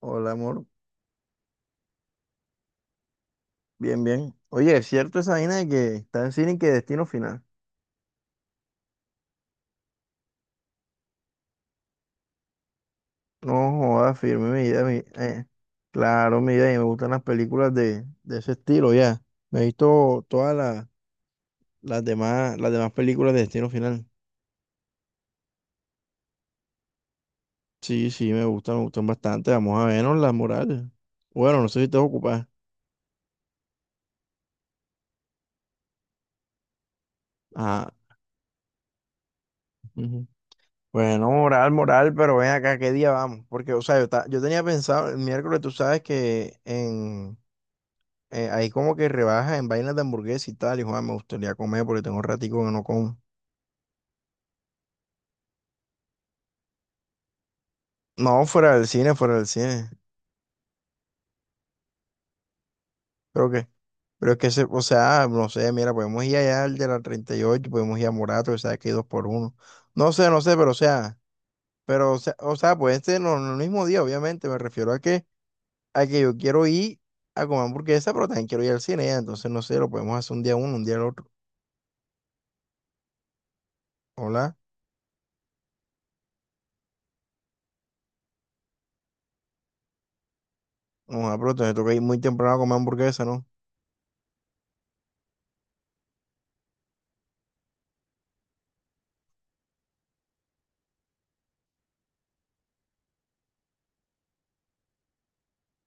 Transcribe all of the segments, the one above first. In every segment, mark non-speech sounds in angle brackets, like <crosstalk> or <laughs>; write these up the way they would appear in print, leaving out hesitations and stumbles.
Hola, amor. Bien, bien. Oye, ¿es cierto esa vaina de que está en cine y que destino final? No jodas, firme mi vida. Claro, mi vida. Y me gustan las películas de ese estilo, ya. Me he visto todas las, las demás películas de destino final. Sí, me gustan bastante. Vamos a vernos las morales. Bueno, no sé si te vas a ocupar. Ah, ujú. Bueno, moral, pero ven acá, ¿qué día vamos? Porque, o sea, yo tenía pensado el miércoles, tú sabes que en hay como que rebajas en vainas de hamburguesa y tal, y Juan, me gustaría comer porque tengo un ratico que no como. No, fuera del cine, fuera del cine. Creo que, pero es que, se, o sea, no sé, mira, podemos ir allá al de la 38, podemos ir a Morato, que sabes que hay 2 por 1. No sé, no sé, pero o sea, puede ser no, no el mismo día, obviamente, me refiero a que yo quiero ir a comer hamburguesa, pero también quiero ir al cine, ya, entonces, no sé, lo podemos hacer un día uno, un día el otro. Hola, no, ah, pero entonces toca ir muy temprano a comer hamburguesa, ¿no?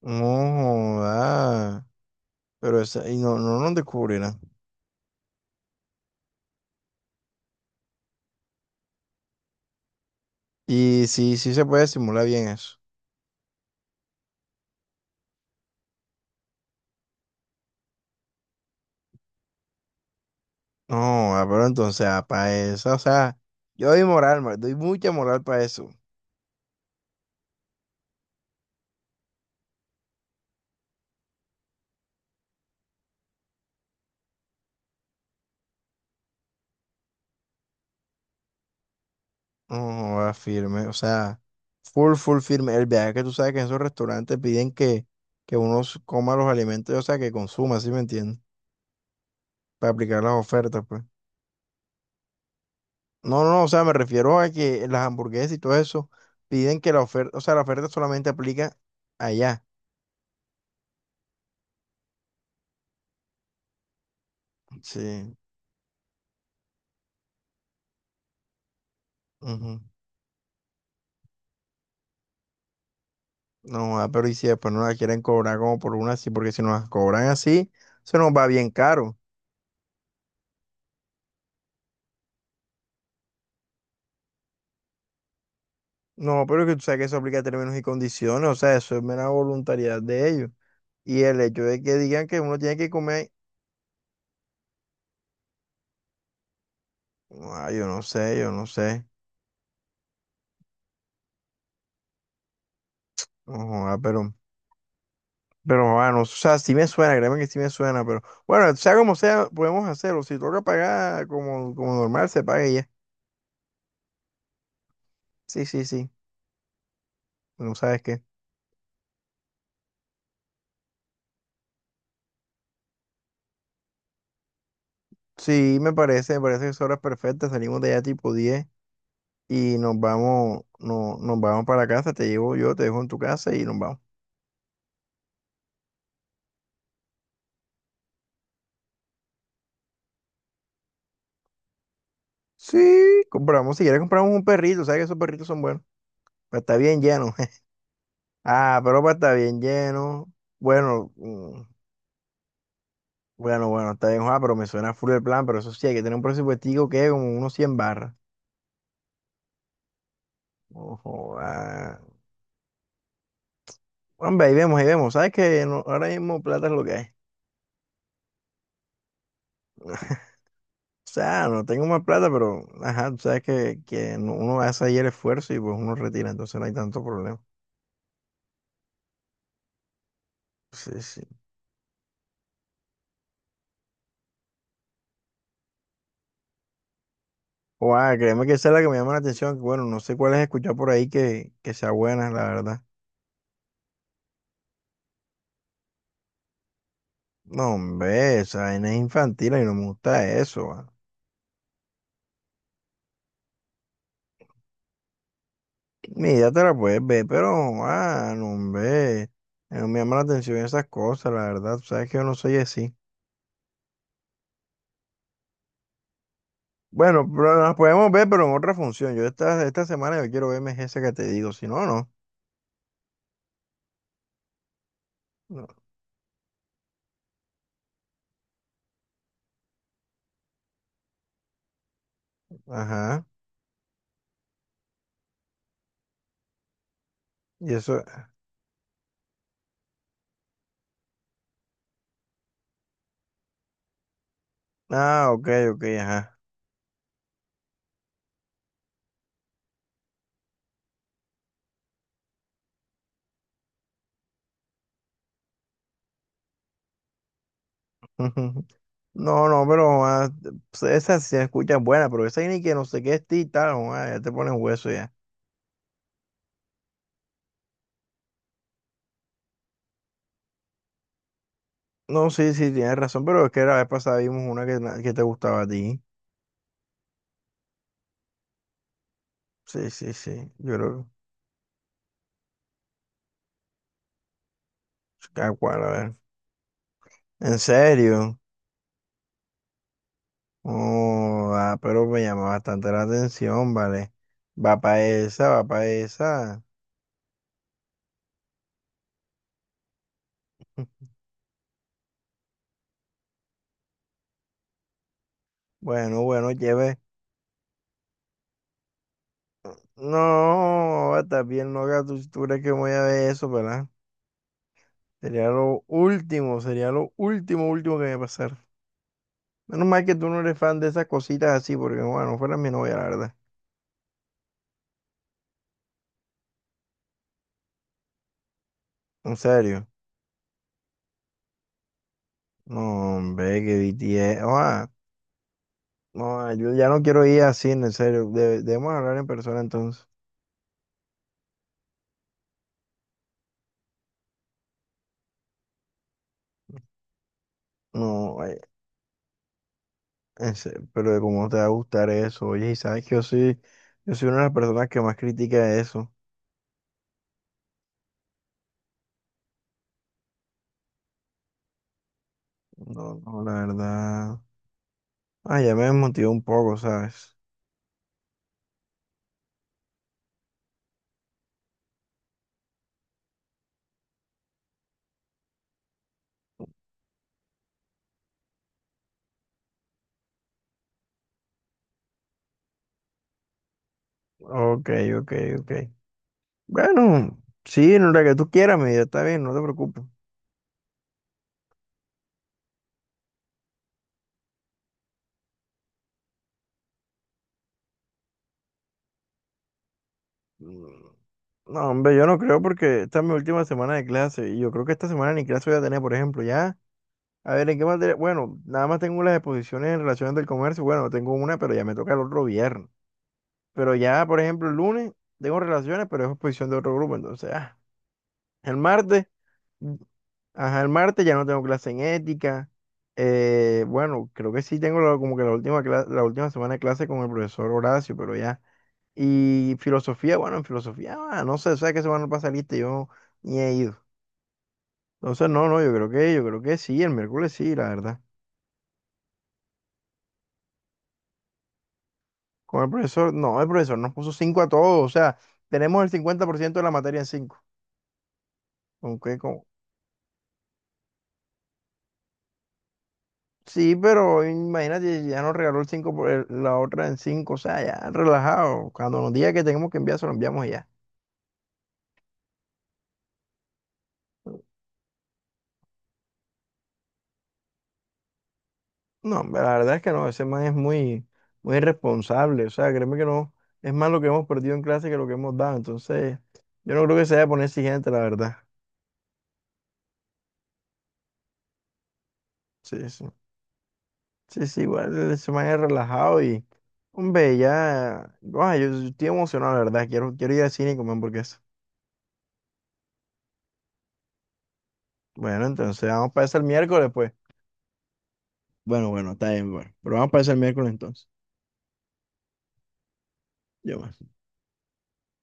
No, joda. Pero esa, y no, no nos descubrirán. Y sí, sí se puede simular bien eso. No, ah, pero entonces, para eso, o sea, yo doy moral, ma, doy mucha moral para eso. No, ah, firme, o sea, full, full firme. El viaje que tú sabes que en esos restaurantes piden que uno s- coma los alimentos, o sea, que consuma, ¿sí me entiendes? Para aplicar las ofertas, pues. No, no, o sea, me refiero a que las hamburguesas y todo eso piden que la oferta, o sea, la oferta solamente aplica allá. Sí. Ujú. No, ah, pero y si después no la quieren cobrar como por una así, porque si nos las cobran así, se nos va bien caro. No, pero que tú sabes que eso aplica a términos y condiciones, o sea, eso es mera voluntariedad de ellos. Y el hecho de que digan que uno tiene que comer, ah, yo no sé, yo no sé. No, ah, pero bueno, o sea, sí me suena, créeme que sí me suena, pero bueno, sea como sea, podemos hacerlo. Si toca pagar como normal, se paga y ya. Sí, sí, sí, no sabes qué. Sí, me parece que son horas perfectas, salimos de allá tipo 10 y nos vamos, no, nos vamos para casa, te llevo yo, te dejo en tu casa y nos vamos. Sí, compramos, si quieres compramos un perrito, sabes que esos perritos son buenos, pero está bien lleno. <laughs> Ah, pero para estar bien lleno. Bueno, bueno, bueno, está bien, ah, pero me suena full el plan, pero eso sí, hay que tener un presupuestico que es como unos 100 barras. Ojo, ah. Hombre, ahí vemos, sabes que no- ahora mismo plata es lo que hay. O sea, no tengo más plata, pero, ajá, tú sabes que no- uno hace ahí el esfuerzo y pues uno retira, entonces no hay tanto problema. Sí, sí. Guau, créeme que esa es la que me llama la atención. Que bueno, no sé cuál es, escuchar por ahí que sea buena, la verdad. No, hombre, esa vaina es infantil y no me gusta eso. Guau. Mi idea te la puedes ver, pero, ah, no, hombre, no me llama la atención esas cosas, la verdad. Tú sabes que yo no soy así. Bueno, pero las podemos ver, pero en otra función. Yo esta semana yo quiero verme esa que te digo, si no, no. No. Ajá. Y eso, ah, ok, ok, ajá. <laughs> No, no, pero ah, pues, esa sí se escucha buena, pero esa ni que no sé qué es ti y tal, ah, ya te pones hueso ya. No, sí, sí, tienes razón, pero es que la vez pasada vimos una que te gustaba a ti. Sí, sí, sí, yo creo que... ¿a cuál? A ver. ¿En serio? Oh, ah, pero me llama bastante la atención, vale. Va para esa, va para esa. <laughs> Bueno, bueno, lleve. No, está bien, no, tú crees que me voy a ver eso, ¿verdad? Sería lo último, último que me pasar. Menos mal que tú no eres fan de esas cositas así, porque bueno, fuera mi novia, la verdad. En serio. No, hombre, que BTS. Oa, no, yo ya no quiero ir así, en serio. De- debemos hablar en persona entonces. No, ay, en serio, pero de cómo te va a gustar eso. Oye, y sabes que yo soy una de las personas que más critica eso. No, no, la verdad. Ah, ya me desmotivó un poco, ¿sabes? Ok, ok, ok. Bueno, sí, en la que tú quieras, mi vida, está bien, no te preocupes. Mm. No, hombre, yo no creo porque esta es mi última semana de clase y yo creo que esta semana ni clase voy a tener, por ejemplo, ya. A ver, ¿en qué materia? Bueno, nada más tengo las exposiciones en relaciones del comercio. Bueno, tengo una, pero ya me toca el otro viernes. Pero ya, por ejemplo, el lunes tengo relaciones, pero es exposición de otro grupo, entonces, ah. El martes, mm, ajá, el martes ya no tengo clase en ética. Bueno, creo que sí tengo como que la última, la última semana de clase con el profesor Horacio, pero ya. Y filosofía, bueno, en filosofía, ah, no sé, o sea que se van a pasar lista, yo ni he ido. Entonces, no, no, yo creo que sí, el miércoles sí, la verdad. Con el profesor, no, el profesor nos puso 5 a todos, o sea, tenemos el 50% de la materia en cinco. Aunque con... Sí, pero imagínate, ya nos regaló el 5 por la otra en cinco, o sea, ya relajado. Cuando nos diga que tenemos que enviar, se lo enviamos y ya. No, hombre, la verdad es que no, ese man es muy irresponsable. O sea, créeme que no, es más lo que hemos perdido en clase que lo que hemos dado. Entonces, yo no creo que se vaya a poner exigente, la verdad. Sí, sí. Sí, sí, igual ese man es relajado y, hombre, ya, guau, yo, estoy emocionado, la verdad. Quiero ir al cine y comer hamburguesa. Bueno, entonces vamos para eso el miércoles, pues. Bueno, bueno, está bien, bueno. Pero vamos para eso el miércoles entonces. Yo,